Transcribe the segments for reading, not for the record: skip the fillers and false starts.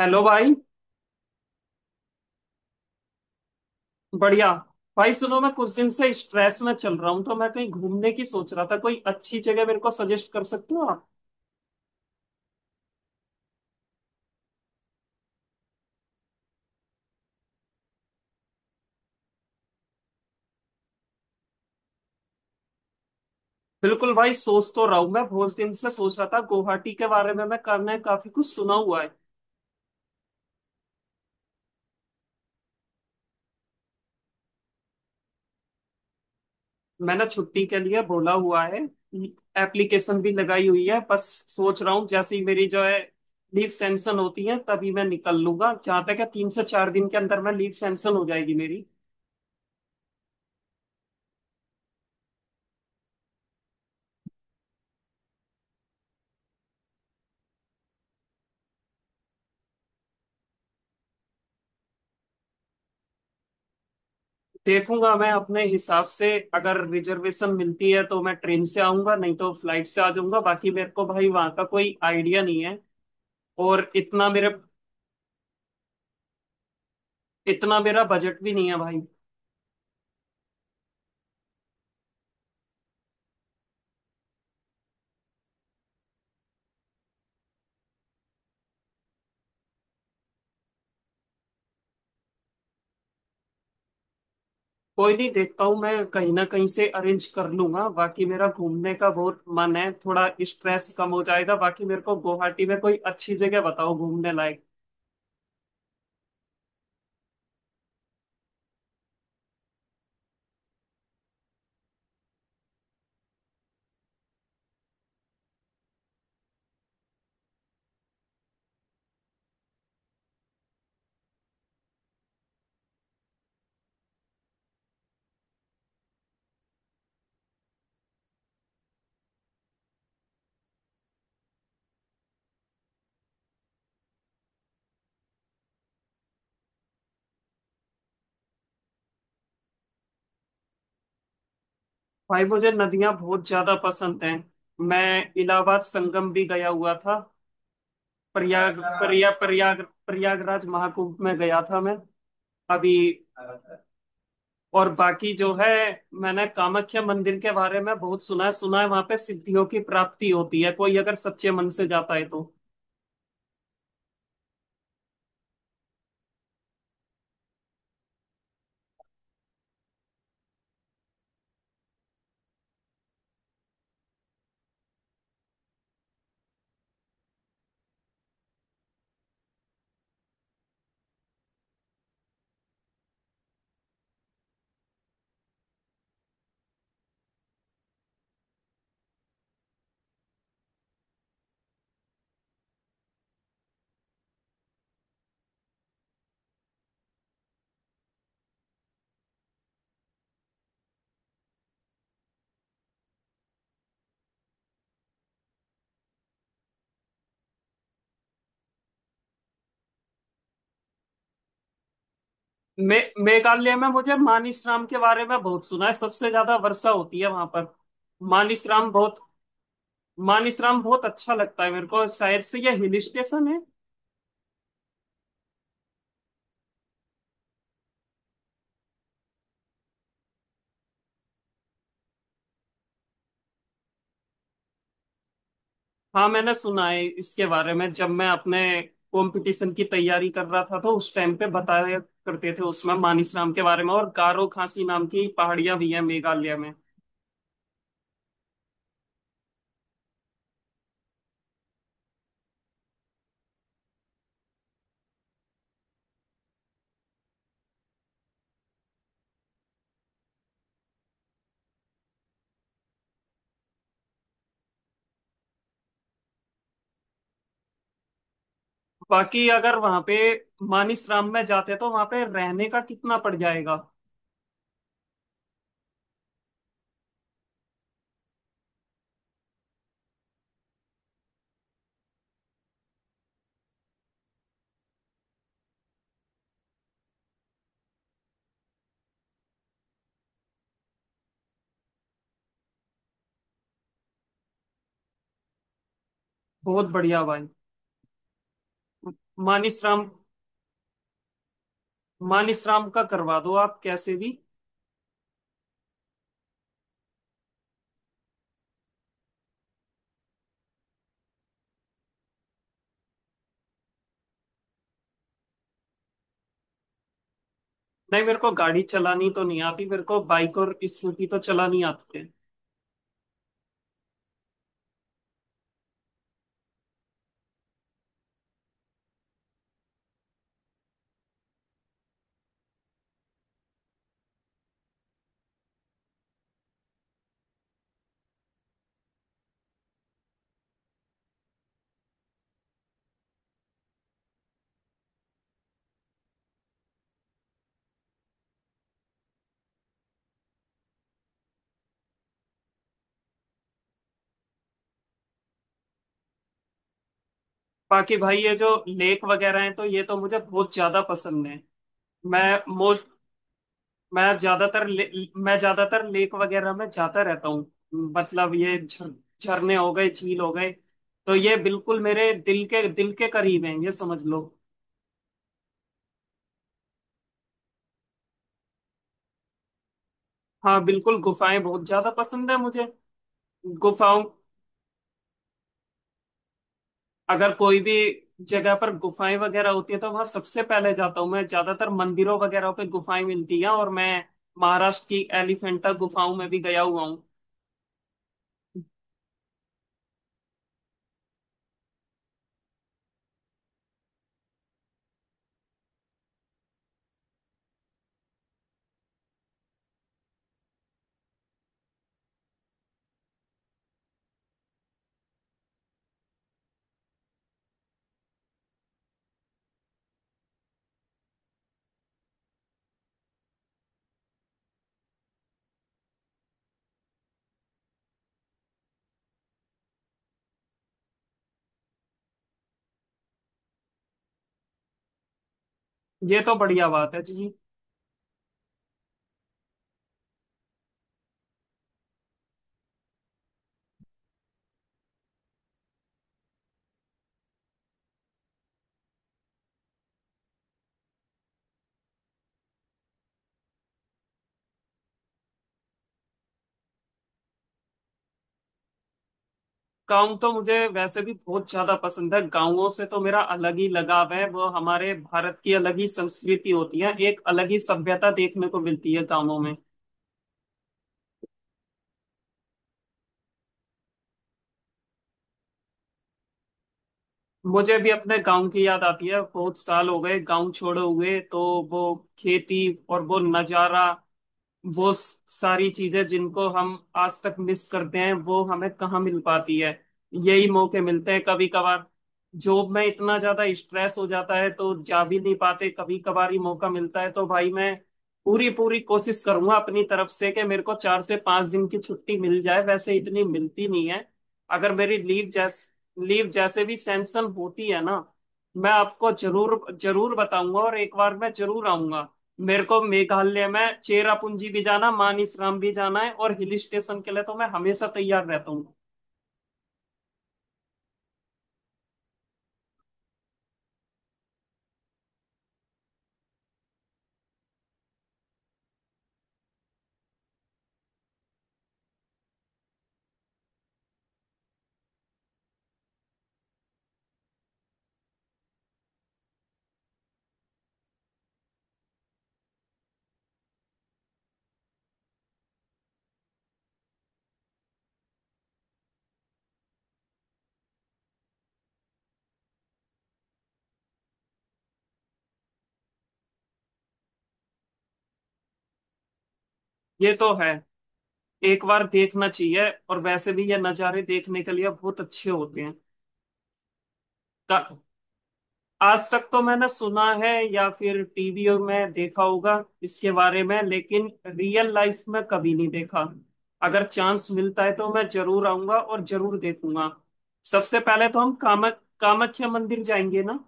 Hello भाई। बढ़िया। भाई सुनो, मैं कुछ दिन से स्ट्रेस में चल रहा हूँ, तो मैं कहीं घूमने की सोच रहा था। कोई अच्छी जगह मेरे को सजेस्ट कर सकते हो आप? बिल्कुल भाई, सोच तो रहा हूँ। मैं बहुत दिन से सोच रहा था गुवाहाटी के बारे में, मैं करने काफी कुछ सुना हुआ है। मैंने छुट्टी के लिए बोला हुआ है। एप्लीकेशन भी लगाई हुई है। बस सोच रहा हूँ, जैसे ही मेरी जो है लीव सैंक्शन होती है, तभी मैं निकल लूंगा। जहां तक है, 3 से 4 दिन के अंदर मैं लीव सैंक्शन हो जाएगी मेरी। देखूंगा मैं अपने हिसाब से। अगर रिजर्वेशन मिलती है तो मैं ट्रेन से आऊंगा, नहीं तो फ्लाइट से आ जाऊंगा। बाकी मेरे को भाई वहां का कोई आइडिया नहीं है। और इतना मेरे इतना मेरा बजट भी नहीं है भाई। कोई नहीं, देखता हूँ, मैं कहीं ना कहीं से अरेंज कर लूंगा। बाकी मेरा घूमने का बहुत मन है, थोड़ा स्ट्रेस कम हो जाएगा। बाकी मेरे को गुवाहाटी में कोई अच्छी जगह बताओ घूमने लायक। भाई मुझे नदियां बहुत ज्यादा पसंद हैं। मैं इलाहाबाद संगम भी गया हुआ था। प्रयाग। प्रयागराज महाकुंभ में गया था मैं अभी। और बाकी जो है, मैंने कामाख्या मंदिर के बारे में बहुत सुना है। सुना है वहां पे सिद्धियों की प्राप्ति होती है, कोई अगर सच्चे मन से जाता है तो। मे मेघालय में मुझे मानिसराम के बारे में बहुत सुना है, सबसे ज्यादा वर्षा होती है वहां पर। मानिसराम बहुत मानिसराम बहुत अच्छा लगता है मेरे को, शायद से ये हिल स्टेशन है। हाँ, मैंने सुना है इसके बारे में। जब मैं अपने कंपटीशन की तैयारी कर रहा था, तो उस टाइम पे बताया करते थे उसमें मानिसराम के बारे में। और गारो खासी नाम की पहाड़ियां भी हैं मेघालय में। बाकी अगर वहां पे मानिसराम में जाते तो वहां पे रहने का कितना पड़ जाएगा? बहुत बढ़िया भाई। मानिसराम मान इसराम का करवा दो आप कैसे भी। नहीं, मेरे को गाड़ी चलानी तो नहीं आती, मेरे को बाइक और स्कूटी तो चलानी आती है। बाकी भाई ये जो लेक वगैरह हैं, तो ये तो मुझे बहुत ज्यादा पसंद है। मैं मोस्ट मैं ज्यादातर ले- मैं ज्यादातर लेक वगैरह में जाता रहता हूँ। मतलब ये झरने हो गए, झील हो गए, तो ये बिल्कुल मेरे दिल के करीब हैं, ये समझ लो। हाँ बिल्कुल, गुफाएं बहुत ज्यादा पसंद है मुझे। गुफाओं अगर कोई भी जगह पर गुफाएं वगैरह होती है, तो वहां सबसे पहले जाता हूँ। मैं ज्यादातर मंदिरों वगैरह पे गुफाएं मिलती हैं, और मैं महाराष्ट्र की एलिफेंटा गुफाओं में भी गया हुआ हूँ। ये तो बढ़िया बात है जी। गाँव तो मुझे वैसे भी बहुत ज्यादा पसंद है, गाँवों से तो मेरा अलग ही लगाव है। वो हमारे भारत की अलग ही संस्कृति होती है, एक अलग ही सभ्यता देखने को मिलती है गाँवों में। मुझे भी अपने गांव की याद आती है। बहुत साल हो गए गांव छोड़े हुए, तो वो खेती और वो नजारा, वो सारी चीजें जिनको हम आज तक मिस करते हैं, वो हमें कहाँ मिल पाती है? यही मौके मिलते हैं कभी कभार। जॉब में इतना ज्यादा स्ट्रेस हो जाता है, तो जा भी नहीं पाते, कभी कभार ही मौका मिलता है। तो भाई मैं पूरी पूरी कोशिश करूंगा अपनी तरफ से, कि मेरे को 4 से 5 दिन की छुट्टी मिल जाए। वैसे इतनी मिलती नहीं है। अगर मेरी लीव जैसे भी सैंक्शन होती है ना, मैं आपको जरूर जरूर बताऊंगा। और एक बार मैं जरूर आऊंगा। मेरे को मेघालय में चेरापूंजी भी जाना, मानिसराम भी जाना है। और हिल स्टेशन के लिए तो मैं हमेशा तैयार रहता हूँ। ये तो है, एक बार देखना चाहिए। और वैसे भी ये नज़ारे देखने के लिए बहुत अच्छे होते हैं। ता- आज तक तो मैंने सुना है, या फिर टीवी में देखा होगा इसके बारे में, लेकिन रियल लाइफ में कभी नहीं देखा। अगर चांस मिलता है तो मैं जरूर आऊंगा और जरूर देखूंगा। सबसे पहले तो हम कामक कामाख्या मंदिर जाएंगे ना?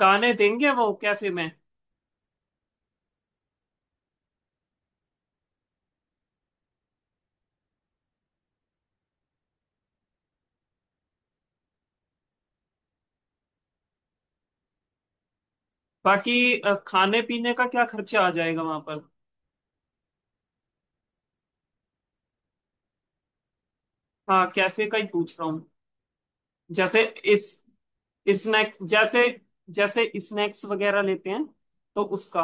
गाने देंगे वो कैफे में? बाकी खाने पीने का क्या खर्चा आ जाएगा वहां पर? हाँ, कैफे का ही पूछ रहा हूँ। जैसे, इस स्नैक्स जैसे, स्नैक्स वगैरह लेते हैं, तो उसका।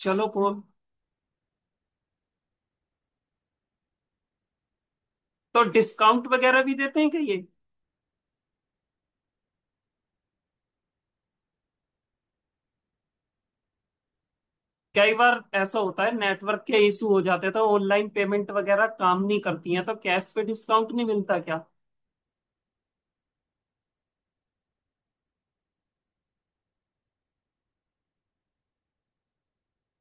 चलो को, तो डिस्काउंट वगैरह भी देते हैं क्या ये? कई बार ऐसा होता है, नेटवर्क के इशू हो जाते हैं, तो ऑनलाइन पेमेंट वगैरह काम नहीं करती है, तो कैश पे डिस्काउंट नहीं मिलता क्या?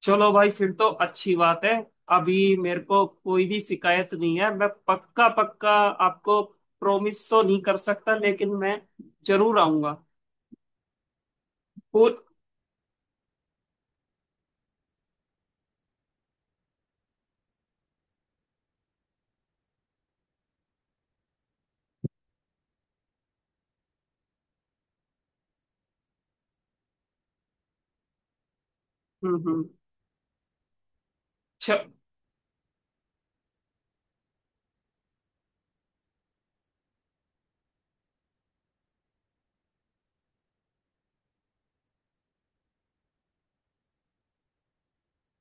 चलो भाई, फिर तो अच्छी बात है। अभी मेरे को कोई भी शिकायत नहीं है। मैं पक्का पक्का आपको प्रॉमिस तो नहीं कर सकता, लेकिन मैं जरूर आऊंगा। पूर हम्म, हम्म। च-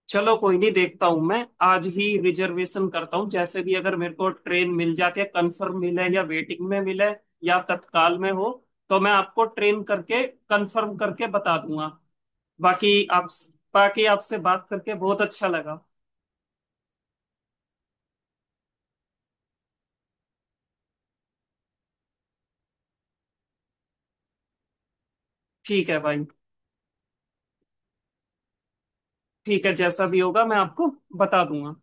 चलो, कोई नहीं। देखता हूँ, मैं आज ही रिजर्वेशन करता हूँ। जैसे भी, अगर मेरे को ट्रेन मिल जाती है, कंफर्म मिले या वेटिंग में मिले या तत्काल में हो, तो मैं आपको ट्रेन करके कंफर्म करके बता दूंगा। बाकी आप बाकी आपसे बात करके बहुत अच्छा लगा। ठीक है भाई। ठीक है, जैसा भी होगा मैं आपको बता दूंगा।